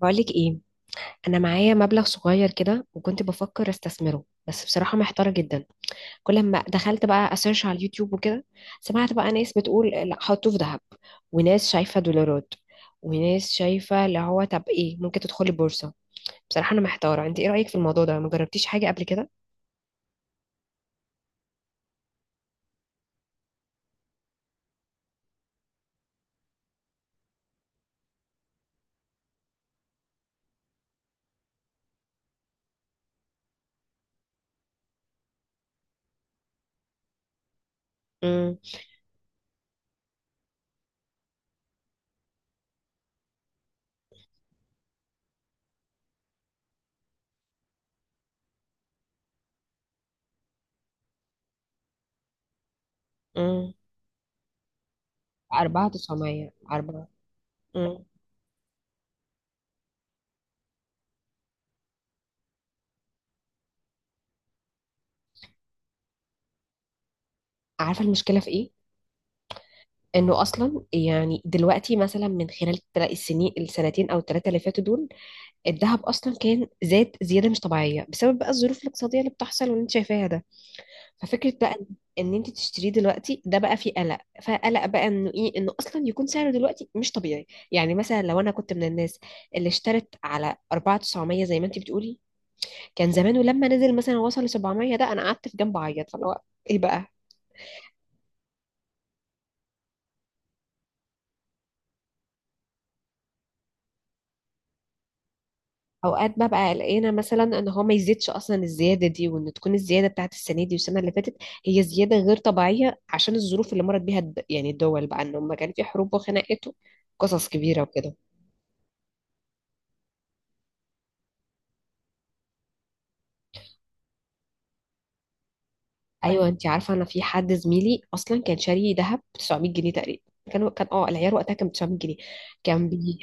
بقولك ايه؟ انا معايا مبلغ صغير كده، وكنت بفكر استثمره، بس بصراحه محتاره جدا. كل ما دخلت بقى اسيرش على اليوتيوب وكده، سمعت بقى ناس بتقول لا، حطوه في ذهب، وناس شايفه دولارات، وناس شايفه اللي هو طب ايه، ممكن تدخلي بورصه. بصراحه انا محتاره، انت ايه رايك في الموضوع ده؟ ما جربتيش حاجه قبل كده؟ امم. امم. 4900، 4. امم. عارفه المشكله في ايه؟ انه اصلا يعني دلوقتي مثلا من خلال السنين، السنتين او الثلاثه اللي فاتوا دول، الذهب اصلا كان زاد زياده مش طبيعيه، بسبب بقى الظروف الاقتصاديه اللي بتحصل واللي انت شايفاها ده. ففكره بقى إن انت تشتريه دلوقتي ده بقى فيه قلق. فقلق بقى انه ايه، انه اصلا يكون سعره دلوقتي مش طبيعي. يعني مثلا لو انا كنت من الناس اللي اشترت على 4900 زي ما انت بتقولي، كان زمانه لما نزل مثلا وصل ل 700، ده انا قعدت في جنب اعيط. فاللي هو ايه بقى. اوقات ببقى قلقانه مثلا ان هو ما يزيدش اصلا الزياده دي، وان تكون الزياده بتاعت السنه دي والسنه اللي فاتت هي زياده غير طبيعيه، عشان الظروف اللي مرت بيها يعني الدول، بقى ان هم كان في حروب وخناقات وقصص كبيره وكده. ايوه، انت عارفه انا في حد زميلي اصلا كان شاري ذهب 900 جنيه تقريبا. كان، اه، العيار وقتها كان 900 جنيه، كان بي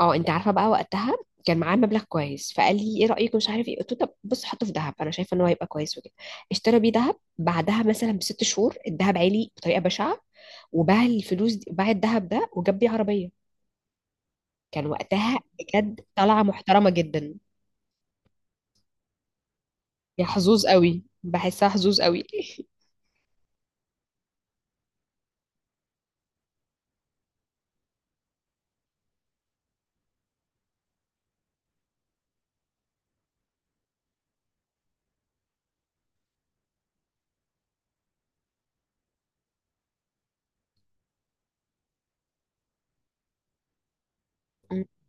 اه، انت عارفه بقى وقتها كان معاه مبلغ كويس، فقال لي ايه رايك مش عارف ايه، قلت له طب بص، حطه في ذهب، انا شايفه ان هو هيبقى كويس وكده. اشترى بيه ذهب، بعدها مثلا ب6 شهور الذهب عالي بطريقه بشعه، وباع الفلوس دي، باع الذهب ده وجاب بيه عربية. كان وقتها بجد طلعة محترمة جدا. يا حظوظ قوي، بحسها حظوظ قوي.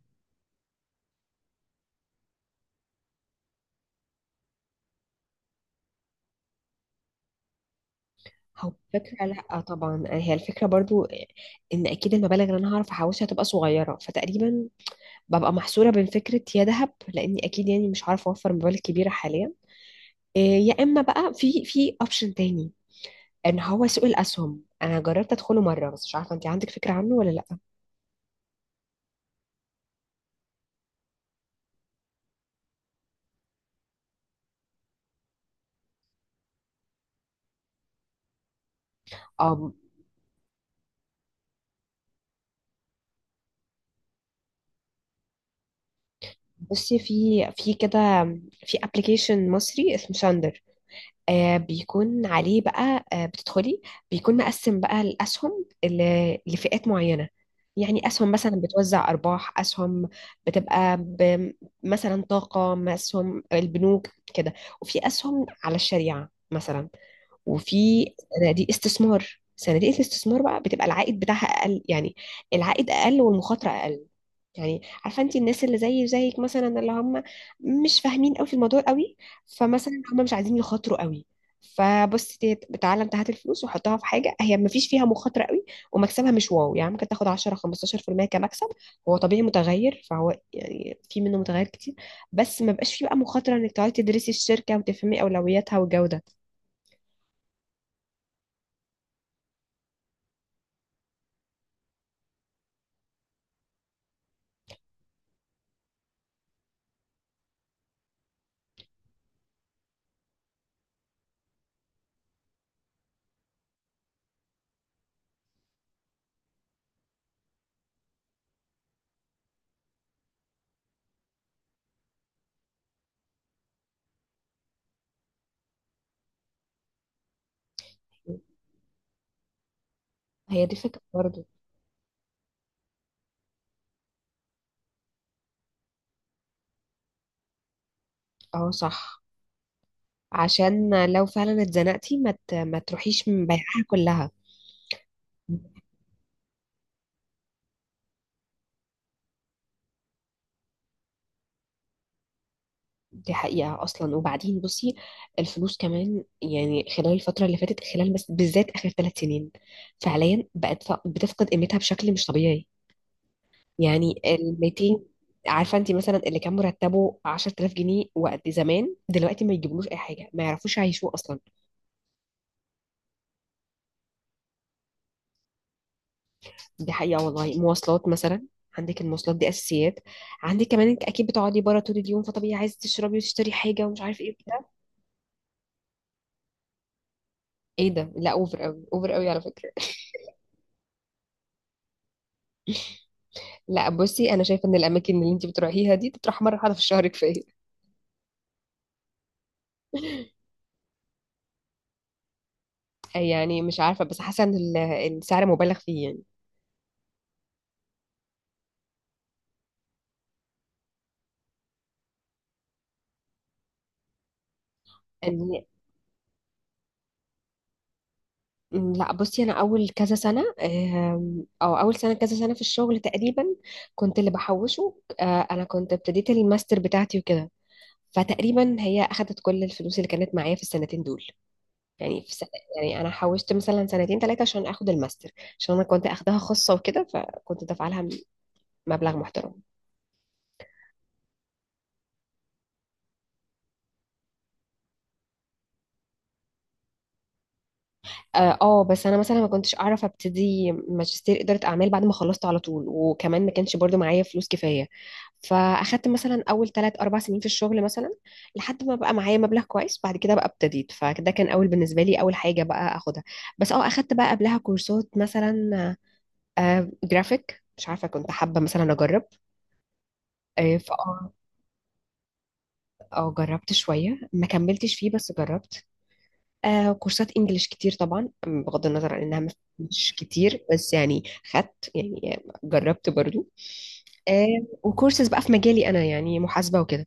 هو فكرة. لا، آه طبعا هي الفكرة برضو، ان اكيد المبالغ اللي انا هعرف احوشها هتبقى صغيرة. فتقريبا ببقى محصورة بين فكرة يا ذهب، لاني اكيد يعني مش عارفة اوفر مبالغ كبيرة حاليا. إيه، يا اما بقى في اوبشن تاني، ان هو سوق الاسهم. انا جربت ادخله مرة، بس مش عارفة انت عندك فكرة عنه ولا لا؟ اه، بصي في كده، في ابلكيشن مصري اسمه ساندر. آه بيكون عليه بقى، آه بتدخلي، بيكون مقسم بقى الاسهم لفئات معينه. يعني اسهم مثلا بتوزع ارباح، اسهم بتبقى ب- مثلا طاقه، اسهم البنوك كده، وفي اسهم على الشريعه مثلا، وفي صناديق الاستثمار. بقى بتبقى العائد بتاعها اقل، يعني العائد اقل والمخاطره اقل. يعني عارفه انت، الناس اللي زي زيك مثلا اللي هم مش فاهمين قوي في الموضوع قوي، فمثلا هم مش عايزين يخاطروا قوي. فبص، تعالى انت هات الفلوس وحطها في حاجه هي ما فيش فيها مخاطره قوي، ومكسبها مش واو، يعني ممكن تاخد 10 15% كمكسب. هو طبيعي متغير، فهو يعني في منه متغير كتير، بس ما بقاش فيه بقى مخاطره انك تقعدي تدرسي الشركه وتفهمي اولوياتها والجوده. هي دي فكرة برضو. اه، صح. عشان لو فعلا اتزنقتي ما تروحيش من بيعها كلها. دي حقيقة أصلا. وبعدين بصي، الفلوس كمان يعني خلال الفترة اللي فاتت، خلال بس بالذات آخر 3 سنين، فعليا بقت بتفقد قيمتها بشكل مش طبيعي. يعني ال 200. عارفة انت مثلا اللي كان مرتبه 10000 جنيه وقت زمان، دلوقتي ما يجيبلوش أي حاجة، ما يعرفوش يعيشوه أصلا. دي حقيقة والله. مواصلات مثلا، عندك المواصلات دي أساسيات، عندك كمان أنت أكيد بتقعدي بره طول اليوم، فطبيعي عايزة تشربي وتشتري حاجة ومش عارف إيه بتاع. إيه ده؟ لا، أوفر أوي، أوفر أوي على فكرة. لا بصي، أنا شايفة إن الأماكن اللي أنت بتروحيها دي تروح مرة واحدة في الشهر كفاية. يعني مش عارفة، بس حاسة إن السعر مبالغ فيه يعني. إن- لا بصي، أنا أول كذا سنة، أو أول سنة كذا سنة في الشغل تقريبا، كنت اللي بحوشه. آه، أنا كنت ابتديت الماستر بتاعتي وكده، فتقريبا هي اخدت كل الفلوس اللي كانت معايا في السنتين دول. يعني في سنة، يعني انا حوشت مثلا سنتين ثلاثه عشان اخد الماستر، عشان انا كنت اخدها خاصه وكده، فكنت دافعه لها مبلغ محترم. اه، آه، بس انا مثلا ما كنتش اعرف ابتدي ماجستير اداره اعمال بعد ما خلصت على طول، وكمان ما كانش برضو معايا فلوس كفايه. فاخدت مثلا اول 3 4 سنين في الشغل مثلا لحد ما بقى معايا مبلغ كويس. بعد كده بقى ابتديت، فده كان اول، بالنسبه لي اول حاجه بقى اخدها. بس اخدت بقى قبلها كورسات مثلا، جرافيك مش عارفة، كنت حابة مثلا أجرب. آه فأه أه آه، جربت شوية، ما كملتش فيه بس جربت. كورسات إنجليش كتير طبعا، بغض النظر عن إنها مش كتير، بس يعني خدت، يعني جربت برضو. آه. وكورسز بقى في مجالي أنا، يعني محاسبة وكده.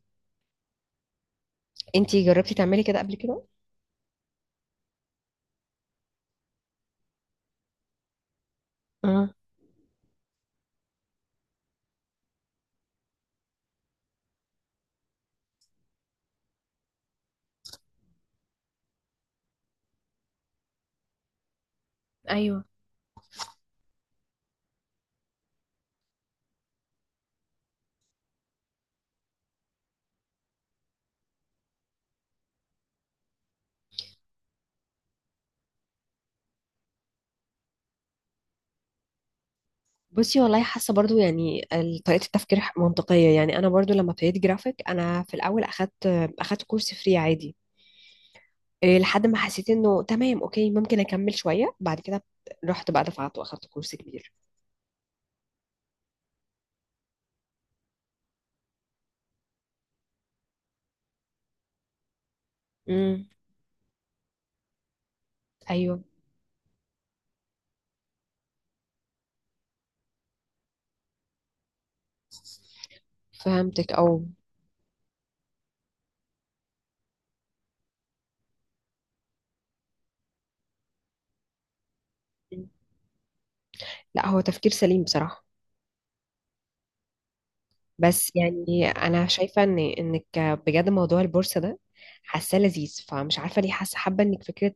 أنتي جربتي تعملي كده قبل كده؟ اه. ايوه. بصي، والله حاسه برضو يعني طريقه التفكير منطقيه. يعني انا برضو لما ابتديت جرافيك انا في الاول اخدت كورس فري عادي. إيه، لحد ما حسيت انه تمام، اوكي، ممكن اكمل شويه. بعد كده رحت بقى دفعت واخدت كورس كبير. امم. ايوه. فهمتك. لا، هو تفكير سليم بصراحه. بس يعني انا شايفه ان انك، بجد موضوع البورصه ده حاساه لذيذ، فمش عارفه ليه حاسه حابه انك فكره،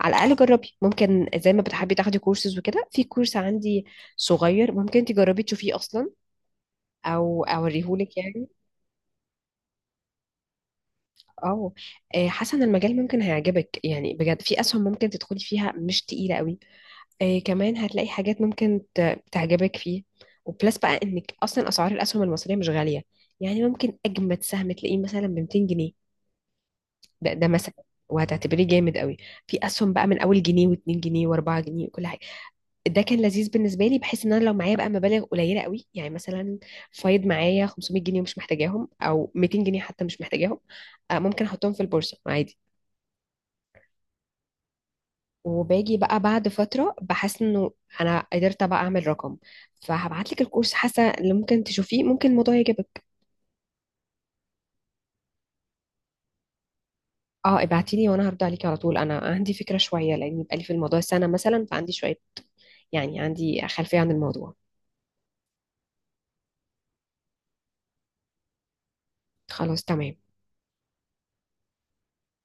على الاقل جربي. ممكن زي ما بتحبي تاخدي كورسز وكده، في كورس عندي صغير ممكن تجربي تشوفيه اصلا، او اوريهولك يعني. اه، آه، حاسه ان المجال ممكن هيعجبك يعني، بجد في اسهم ممكن تدخلي فيها مش تقيله قوي. آه، كمان هتلاقي حاجات ممكن تعجبك فيه. وبلس بقى انك اصلا اسعار الاسهم المصريه مش غاليه، يعني ممكن اجمد سهم تلاقيه مثلا ب 200 جنيه ده, مثلا، وهتعتبريه جامد قوي. في اسهم بقى من اول جنيه و2 جنيه و4 جنيه وكل حاجه. ده كان لذيذ بالنسبه لي، بحيث ان انا لو معايا بقى مبالغ قليله قوي، يعني مثلا فايض معايا 500 جنيه ومش محتاجاهم، او 200 جنيه حتى مش محتاجاهم، آه، ممكن احطهم في البورصه عادي. وباجي بقى بعد فترة بحس انه انا قدرت بقى اعمل رقم، فهبعت لك الكورس، حاسة اللي ممكن تشوفيه، ممكن الموضوع يعجبك. اه، ابعتي لي وانا هرد عليكي على طول. انا عندي فكرة شوية، لاني بقالي في الموضوع سنة مثلا، فعندي شوية، يعني عندي خلفية عن الموضوع. خلاص، تمام.